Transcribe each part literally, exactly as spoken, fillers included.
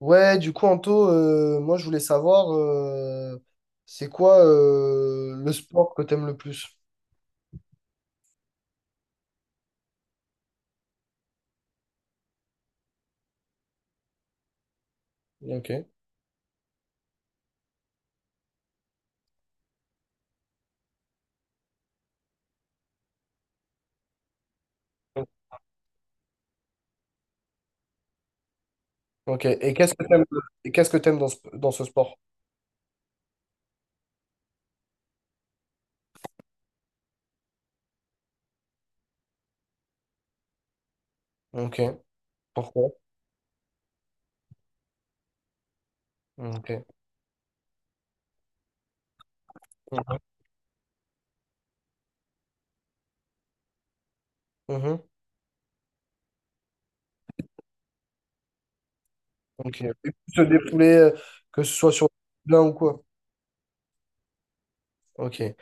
Ouais, du coup, Anto, euh, moi, je voulais savoir, euh, c'est quoi euh, le sport que t'aimes le plus? Ok. Ok. Et qu'est-ce que t'aimes, et qu'est-ce que t'aimes dans ce, dans ce sport? Ok. Pourquoi? Ok. Mhm. Ok. Et se défouler, euh, que ce soit sur l'un ou quoi? Ok.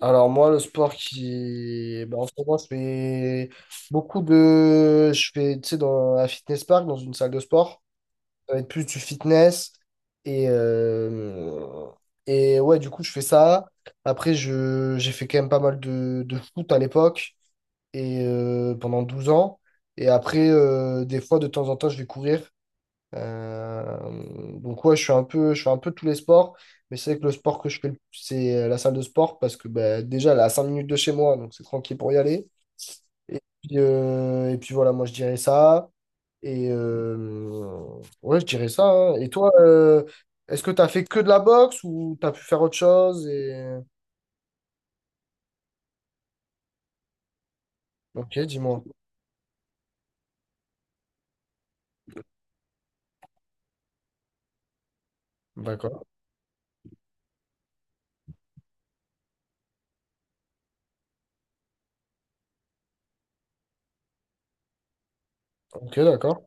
Alors, moi, le sport qui... bah, en ce moment, je fais beaucoup de... Je fais, tu sais, dans un fitness park, dans une salle de sport. Ça va être plus du fitness. Et, euh, Et ouais, du coup, je fais ça. Après, je, j'ai fait quand même pas mal de, de foot à l'époque, et euh, pendant douze ans. Et après, euh, des fois, de temps en temps, je vais courir. Euh, donc ouais, je suis un peu, je fais un peu tous les sports. Mais c'est vrai que le sport que je fais, le plus, c'est la salle de sport, parce que bah, déjà, elle est à 5 minutes de chez moi, donc c'est tranquille pour y aller. Et puis, euh, et puis voilà, moi, je dirais ça. Et euh, ouais, je dirais ça, hein. Et toi, euh, est-ce que tu as fait que de la boxe ou tu as pu faire autre chose et... Ok, dis-moi. D'accord. Ok, d'accord.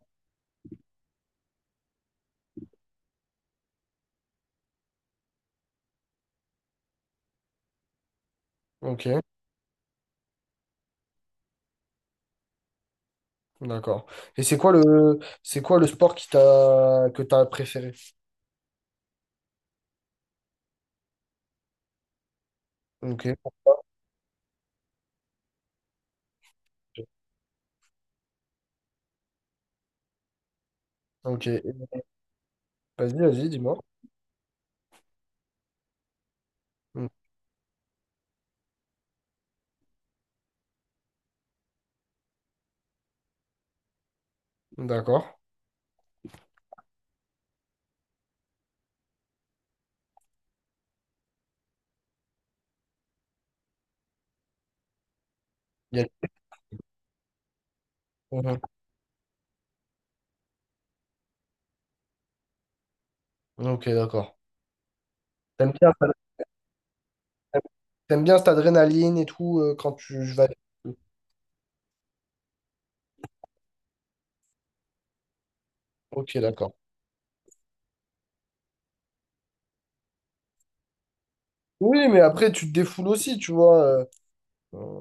Ok, d'accord. Et c'est quoi le c'est quoi le sport qui t'a que t'as préféré? Ok. Ok. Vas-y, vas-y, dis-moi. Mm. D'accord. Y a- Mhm. Ok, d'accord. T'aimes bien, ça- T'aimes bien cette adrénaline et tout euh, quand tu je vais. Ok, d'accord. Oui, mais après, tu te défoules aussi, tu vois. euh,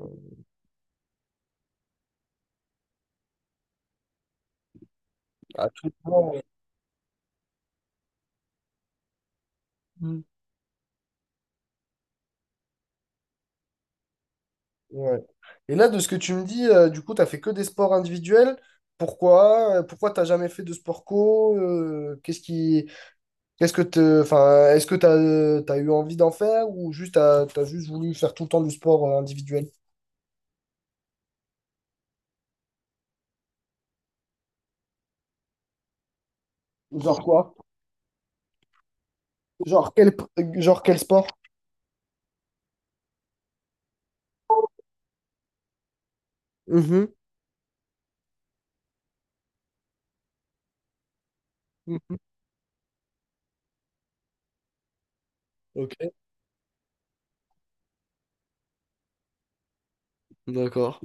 À tout le monde. Mm. Ouais. Et là, de ce que tu me dis, euh, du coup, t'as fait que des sports individuels. Pourquoi? Euh, Pourquoi t'as jamais fait de sport co? Euh, qu'est-ce qui, qu'est-ce que te, enfin, est-ce que t'as, euh, t'as eu envie d'en faire ou juste t'as, t'as juste voulu faire tout le temps du sport euh, individuel? Genre quoi? Genre quel, genre quel sport? Mhm, mhm. Ok. D'accord.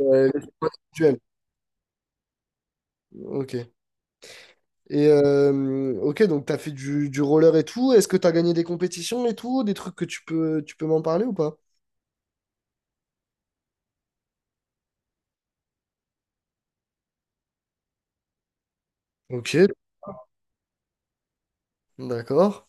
Euh, L'individuel. Ok. Et euh, ok, donc t'as fait du, du roller et tout. Est-ce que t'as gagné des compétitions et tout? Des trucs que tu peux, tu peux m'en parler ou pas? Ok, d'accord.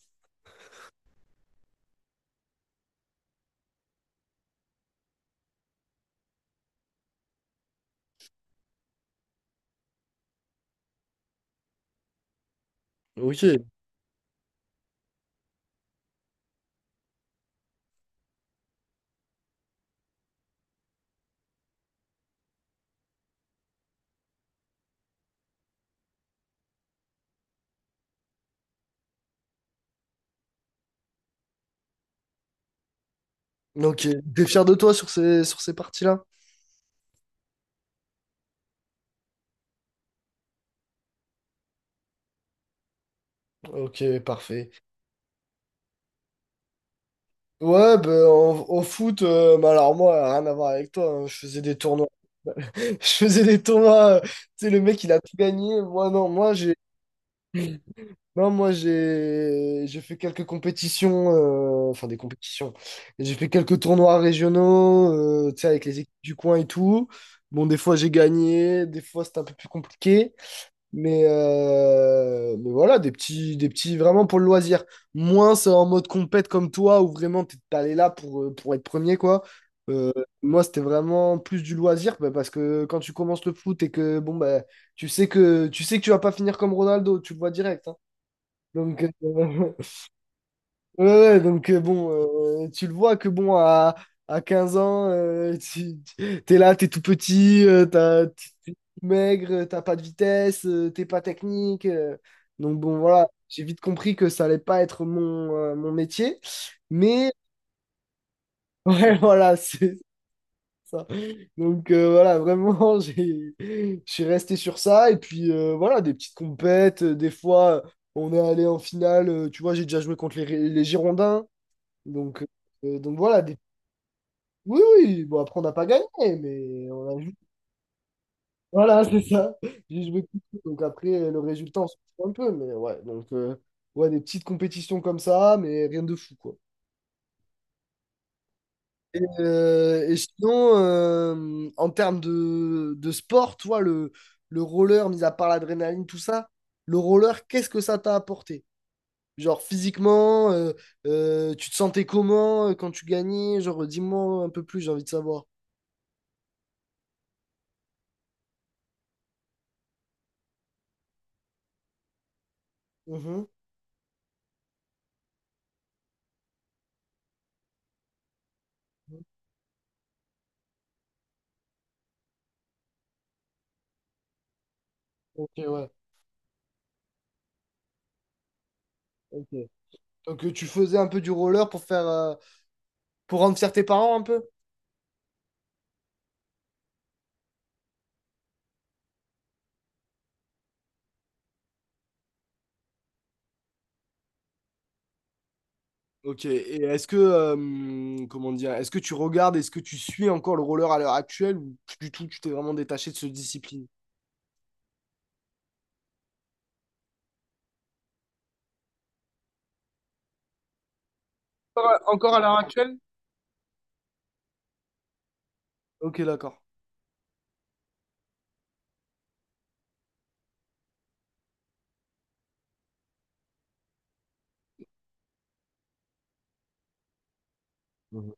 Ok, ok. T'es fier de toi sur ces, sur ces parties-là? Ok, parfait. Ouais, ben en, en foot, euh, bah alors moi, rien à voir avec toi, hein, je faisais des tournois. Je faisais des tournois, euh, tu sais, le mec, il a tout gagné. Moi, non, moi, j'ai non, moi j'ai j'ai fait quelques compétitions, euh, enfin des compétitions. J'ai fait quelques tournois régionaux, euh, tu sais, avec les équipes du coin et tout. Bon, des fois, j'ai gagné, des fois, c'était un peu plus compliqué. Mais, euh, mais voilà, des petits, des petits vraiment pour le loisir. Moins c'est en mode compète comme toi, où vraiment t'es allé là pour, euh, pour être premier, quoi. Euh, Moi, c'était vraiment plus du loisir, bah, parce que quand tu commences le foot et que bon bah tu sais que tu sais que tu vas pas finir comme Ronaldo, tu le vois direct, hein. Donc, euh, ouais, ouais, donc euh, bon, euh, tu le vois que bon à, à quinze ans, euh, tu, tu- t'es là, t'es tout petit, euh, t'as, maigre, euh, t'as pas de vitesse, euh, t'es pas technique. euh. donc bon, voilà, j'ai vite compris que ça allait pas être mon, euh, mon métier. Mais ouais, voilà, c'est ça. Donc euh, voilà, vraiment, j'ai, je suis resté sur ça. Et puis euh, voilà, des petites compètes. euh, Des fois, euh, on est allé en finale. euh, tu vois, j'ai déjà joué contre les, les Girondins. Donc, euh, donc voilà, des... Oui, oui. Bon, après, on n'a pas gagné, mais on a voilà, c'est ça. J'ai joué tout le coup. Donc après, euh, le résultat, on s'en fout un peu. Mais ouais, donc, euh, ouais, des petites compétitions comme ça, mais rien de fou, quoi. Euh, et sinon, euh, en termes de, de sport, toi, le, le roller, mis à part l'adrénaline, tout ça, le roller, qu'est-ce que ça t'a apporté? Genre physiquement, euh, euh, tu te sentais comment euh, quand tu gagnais? Genre, dis-moi un peu plus, j'ai envie de savoir. Mhm. Ok, ouais. Ok. Donc, euh, tu faisais un peu du roller pour faire, euh, pour rendre fier tes parents un peu? Ok, et est-ce que, euh, comment dire, est-ce que tu regardes, est-ce que tu suis encore le roller à l'heure actuelle ou plus du tout, tu t'es vraiment détaché de cette discipline? Ouais, encore à l'heure actuelle? Ok, d'accord. Mhm.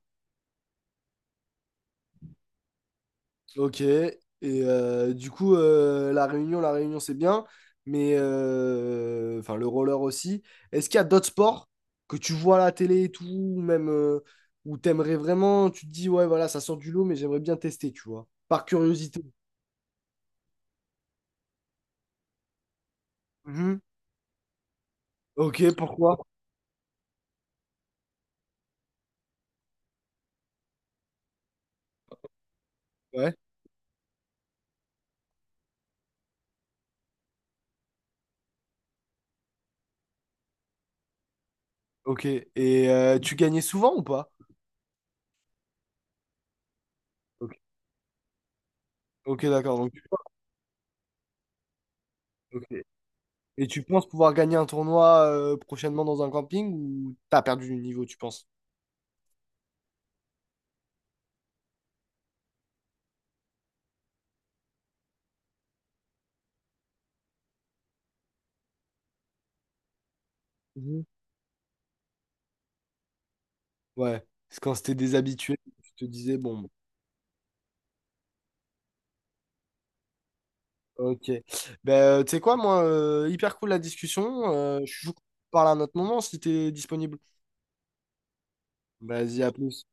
Ok, et euh, du coup, euh, La Réunion, La Réunion, c'est bien, mais euh, enfin le roller aussi. Est-ce qu'il y a d'autres sports que tu vois à la télé et tout, ou même euh, où t'aimerais vraiment, tu te dis, ouais, voilà, ça sort du lot, mais j'aimerais bien tester, tu vois, par curiosité. Mhm. Ok, pourquoi? Ouais. Ok. Et euh, tu gagnais souvent ou pas? Ok, ok, d'accord. Donc, tu- ok. Et tu penses pouvoir gagner un tournoi euh, prochainement dans un camping ou t'as perdu du niveau, tu penses? Mhm. Ouais. Parce que quand c'était déshabitué, tu te disais, bon, bon. Ok. Ben, euh, tu sais quoi, moi, euh, hyper cool la discussion. Euh, je suis chaud qu'on parle à un autre moment si t'es disponible. Vas-y, à plus.